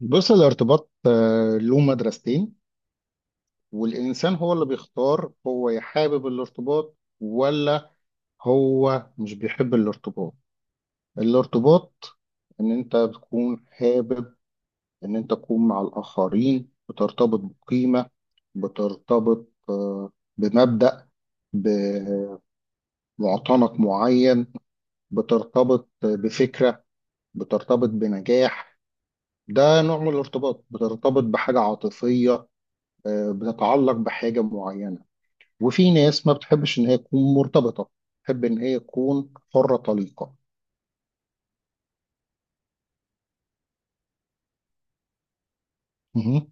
بص الارتباط له مدرستين. والإنسان هو اللي بيختار هو حابب الارتباط ولا هو مش بيحب الارتباط. الارتباط إن أنت بتكون حابب إن أنت تكون مع الآخرين بترتبط بقيمة بترتبط بمبدأ بمعتنق معين بترتبط بفكرة بترتبط بنجاح. ده نوع من الارتباط بترتبط بحاجة عاطفية، بتتعلق بحاجة معينة. وفي ناس ما بتحبش إن هي تكون مرتبطة، تحب إن هي تكون حرة طليقة. مهم.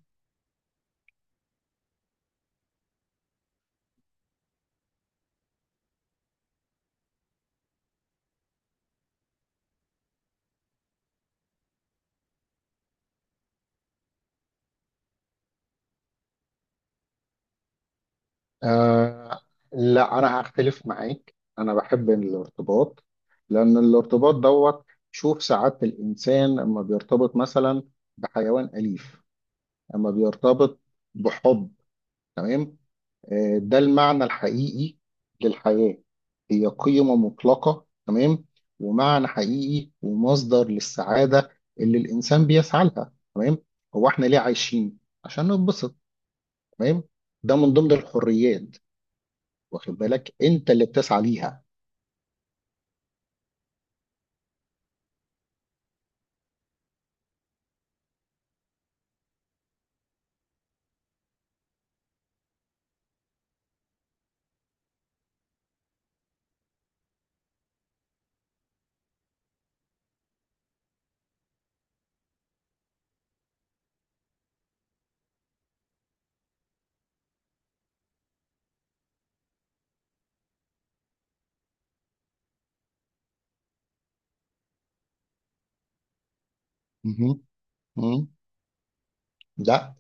آه لا، أنا هختلف معاك، أنا بحب الارتباط. لأن الارتباط دوت، شوف سعادة الإنسان أما بيرتبط مثلا بحيوان أليف، أما بيرتبط بحب. تمام، ده المعنى الحقيقي للحياة، هي قيمة مطلقة. تمام، ومعنى حقيقي ومصدر للسعادة اللي الإنسان بيسعى لها. تمام، هو إحنا ليه عايشين؟ عشان نتبسط. تمام، ده من ضمن الحريات، واخد بالك أنت اللي بتسعى ليها. مهم. مهم. لا.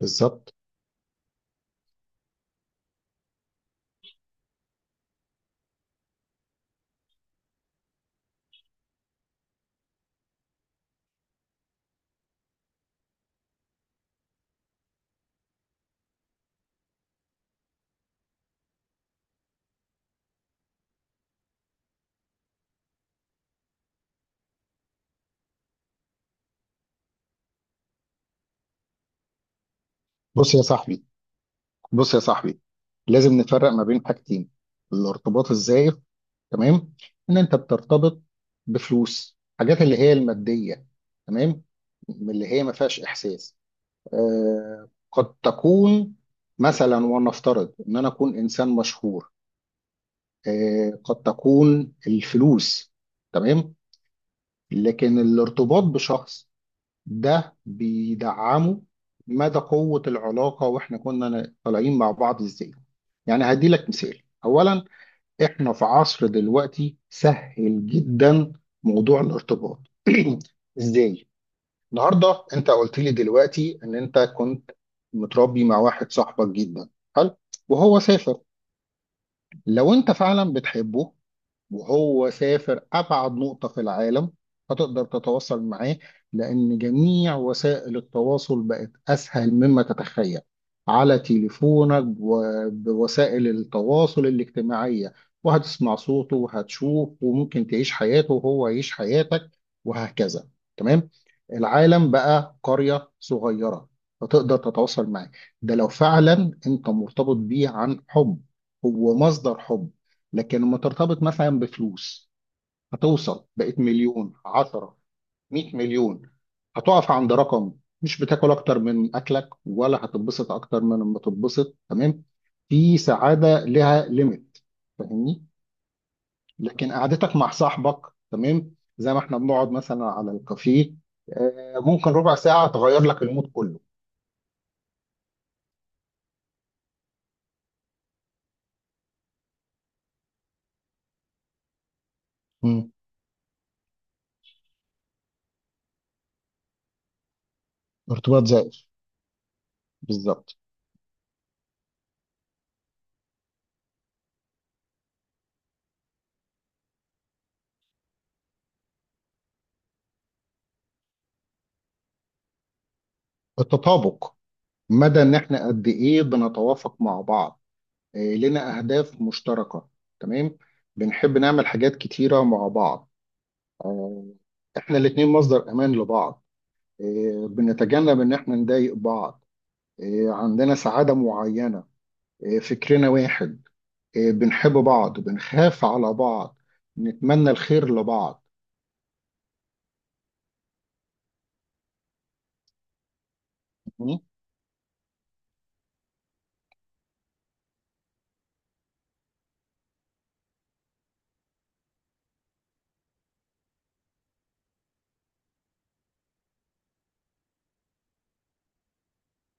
بالظبط. بص يا صاحبي، بص يا صاحبي، لازم نفرق ما بين حاجتين. الارتباط الزائف، تمام، ان انت بترتبط بفلوس حاجات اللي هي الماديه. تمام، من اللي هي ما فيهاش احساس. قد تكون مثلا، ونفترض ان انا اكون انسان مشهور، قد تكون الفلوس. تمام، لكن الارتباط بشخص ده بيدعمه مدى قوة العلاقة واحنا كنا طالعين مع بعض ازاي. يعني هديلك مثال اولا، احنا في عصر دلوقتي سهل جدا موضوع الارتباط ازاي. النهارده انت قلت لي دلوقتي ان انت كنت متربي مع واحد صاحبك جدا حلو، وهو سافر. لو انت فعلا بتحبه وهو سافر أبعد نقطة في العالم، هتقدر تتواصل معاه. لأن جميع وسائل التواصل بقت أسهل مما تتخيل، على تليفونك وبوسائل التواصل الاجتماعية، وهتسمع صوته وهتشوف وممكن تعيش حياته وهو يعيش حياتك وهكذا. تمام، العالم بقى قرية صغيرة، فتقدر تتواصل معاه. ده لو فعلا انت مرتبط بيه عن حب، هو مصدر حب. لكن لما ترتبط مثلا بفلوس، هتوصل بقت مليون، عشرة، مئة مليون، هتقف عند رقم. مش بتاكل اكتر من اكلك ولا هتتبسط اكتر من ما تتبسط. تمام، في سعادة لها ليميت. فاهمني؟ لكن قعدتك مع صاحبك، تمام، زي ما احنا بنقعد مثلا على الكافيه، ممكن ربع ساعة تغير لك المود كله. مم. ارتباط زائف، بالظبط. التطابق، مدى ان احنا قد ايه بنتوافق مع بعض. لنا أهداف مشتركة. تمام، بنحب نعمل حاجات كتيرة مع بعض. آه، إحنا الاتنين مصدر أمان لبعض. بنتجنب إن إحنا نضايق بعض. عندنا سعادة معينة. فكرنا واحد. بنحب بعض، بنخاف على بعض، نتمنى الخير لبعض. مم؟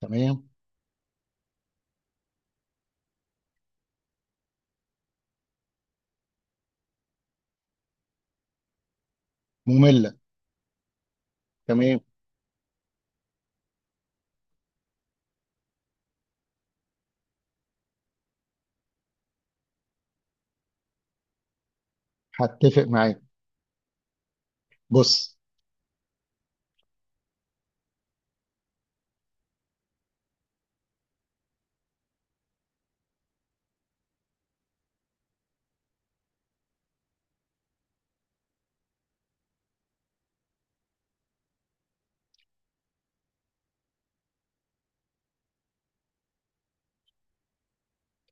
تمام. مملة. تمام. هتفق معاك. بص.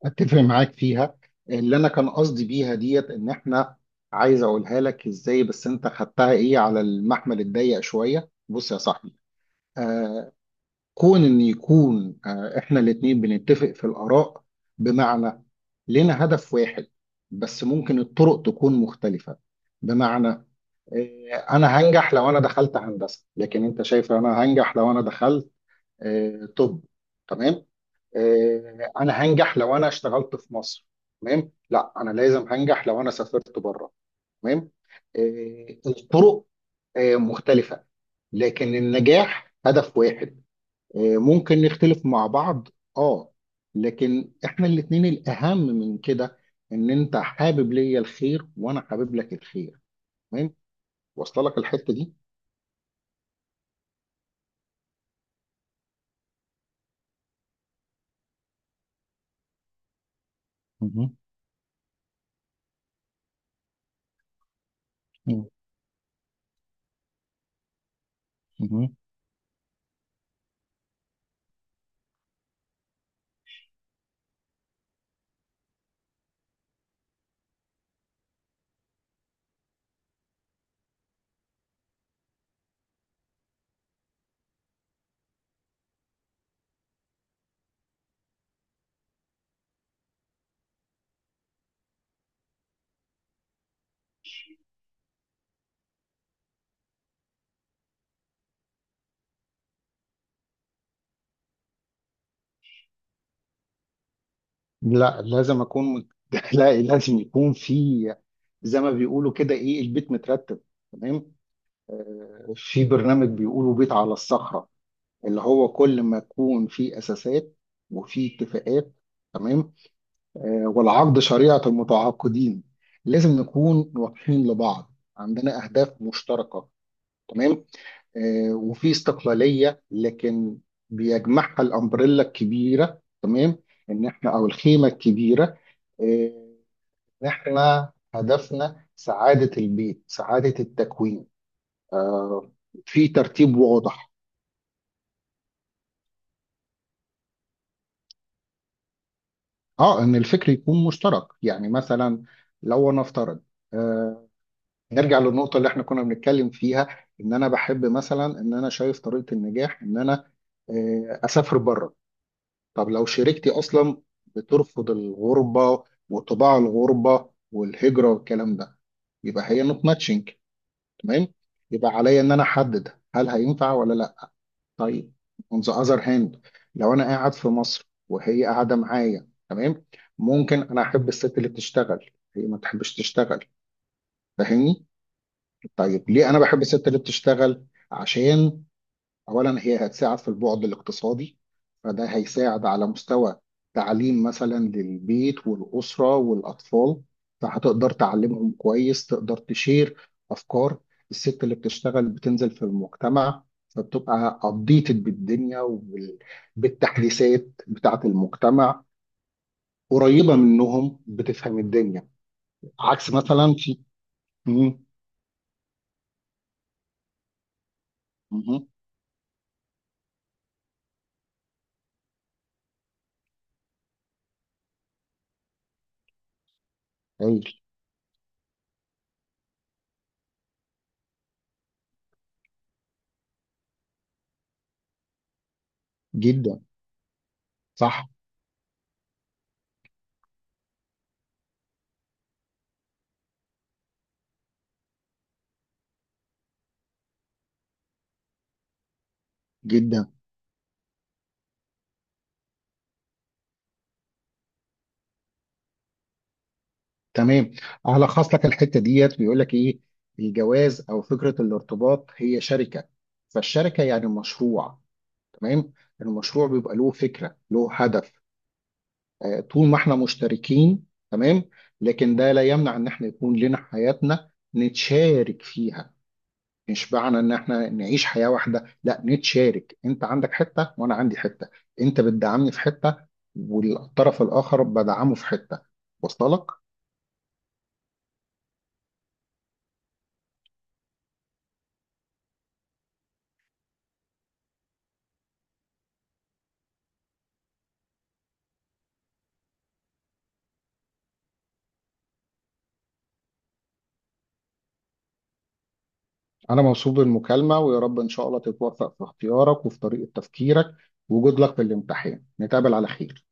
اتفق معاك فيها. اللي انا كان قصدي بيها ديت ان احنا، عايز اقولها لك ازاي، بس انت خدتها ايه على المحمل الضيق شويه. بص يا صاحبي، آه كون ان يكون احنا الاتنين بنتفق في الاراء، بمعنى لنا هدف واحد، بس ممكن الطرق تكون مختلفه. بمعنى، انا هنجح لو انا دخلت هندسه، لكن انت شايف انا هنجح لو انا دخلت، طب. تمام، انا هنجح لو انا اشتغلت في مصر. تمام، لا انا لازم هنجح لو انا سافرت بره. تمام، الطرق مختلفة، لكن النجاح هدف واحد. ممكن نختلف مع بعض. اه. لكن احنا الاتنين الاهم من كده ان انت حابب ليا الخير وانا حابب لك الخير. تمام، واصله لك الحتة دي. مهم. مهم. لا، لازم اكون لا، لازم يكون في، زي ما بيقولوا كده، ايه، البيت مترتب. تمام، في برنامج بيقولوا بيت على الصخرة، اللي هو كل ما يكون في اساسات وفي اتفاقات. تمام، والعقد شريعة المتعاقدين، لازم نكون واضحين لبعض، عندنا اهداف مشتركة. تمام، وفي استقلالية، لكن بيجمعها الامبريلا الكبيرة. تمام، ان احنا، او الخيمة الكبيرة، آه، إن إحنا هدفنا سعادة البيت، سعادة التكوين، في ترتيب واضح. إن الفكر يكون مشترك. يعني مثلا، لو نفترض، آه نرجع للنقطة اللي إحنا كنا بنتكلم فيها، إن أنا بحب مثلا، إن أنا شايف طريقة النجاح إن أنا أسافر بره. طب لو شريكتي أصلا بترفض الغربة، وطباع الغربة والهجرة والكلام ده، يبقى هي نوت ماتشنج. تمام، يبقى عليا ان انا احدد هل هينفع ولا لا. طيب، on the other hand، لو انا قاعد في مصر وهي قاعده معايا، تمام، ممكن انا احب الست اللي بتشتغل، هي ما تحبش تشتغل، فاهمني؟ طيب ليه انا بحب الست اللي بتشتغل؟ عشان أولا هي هتساعد في البعد الاقتصادي، فده هيساعد على مستوى تعليم مثلا للبيت والأسرة والأطفال، فهتقدر تعلمهم كويس، تقدر تشير أفكار. الست اللي بتشتغل بتنزل في المجتمع، فبتبقى أبديتد بالدنيا وبالتحديثات بتاعة المجتمع، قريبة منهم، بتفهم الدنيا، عكس مثلا في، مم. مم. هايل. جدا. صح جدا. تمام، هلخص لك الحته ديت بيقول لك ايه. الجواز او فكره الارتباط هي شركه، فالشركه يعني مشروع. تمام، المشروع بيبقى له فكره له هدف. طول ما احنا مشتركين. تمام، لكن ده لا يمنع ان احنا يكون لنا حياتنا نتشارك فيها. مش معنى ان احنا نعيش حياه واحده، لا نتشارك، انت عندك حته وانا عندي حته، انت بتدعمني في حته والطرف الاخر بدعمه في حته. وصلت لك؟ أنا مبسوط بالمكالمة، ويا رب إن شاء الله تتوفق في اختيارك وفي طريقة تفكيرك، وجود لك في الامتحان، نتقابل على خير.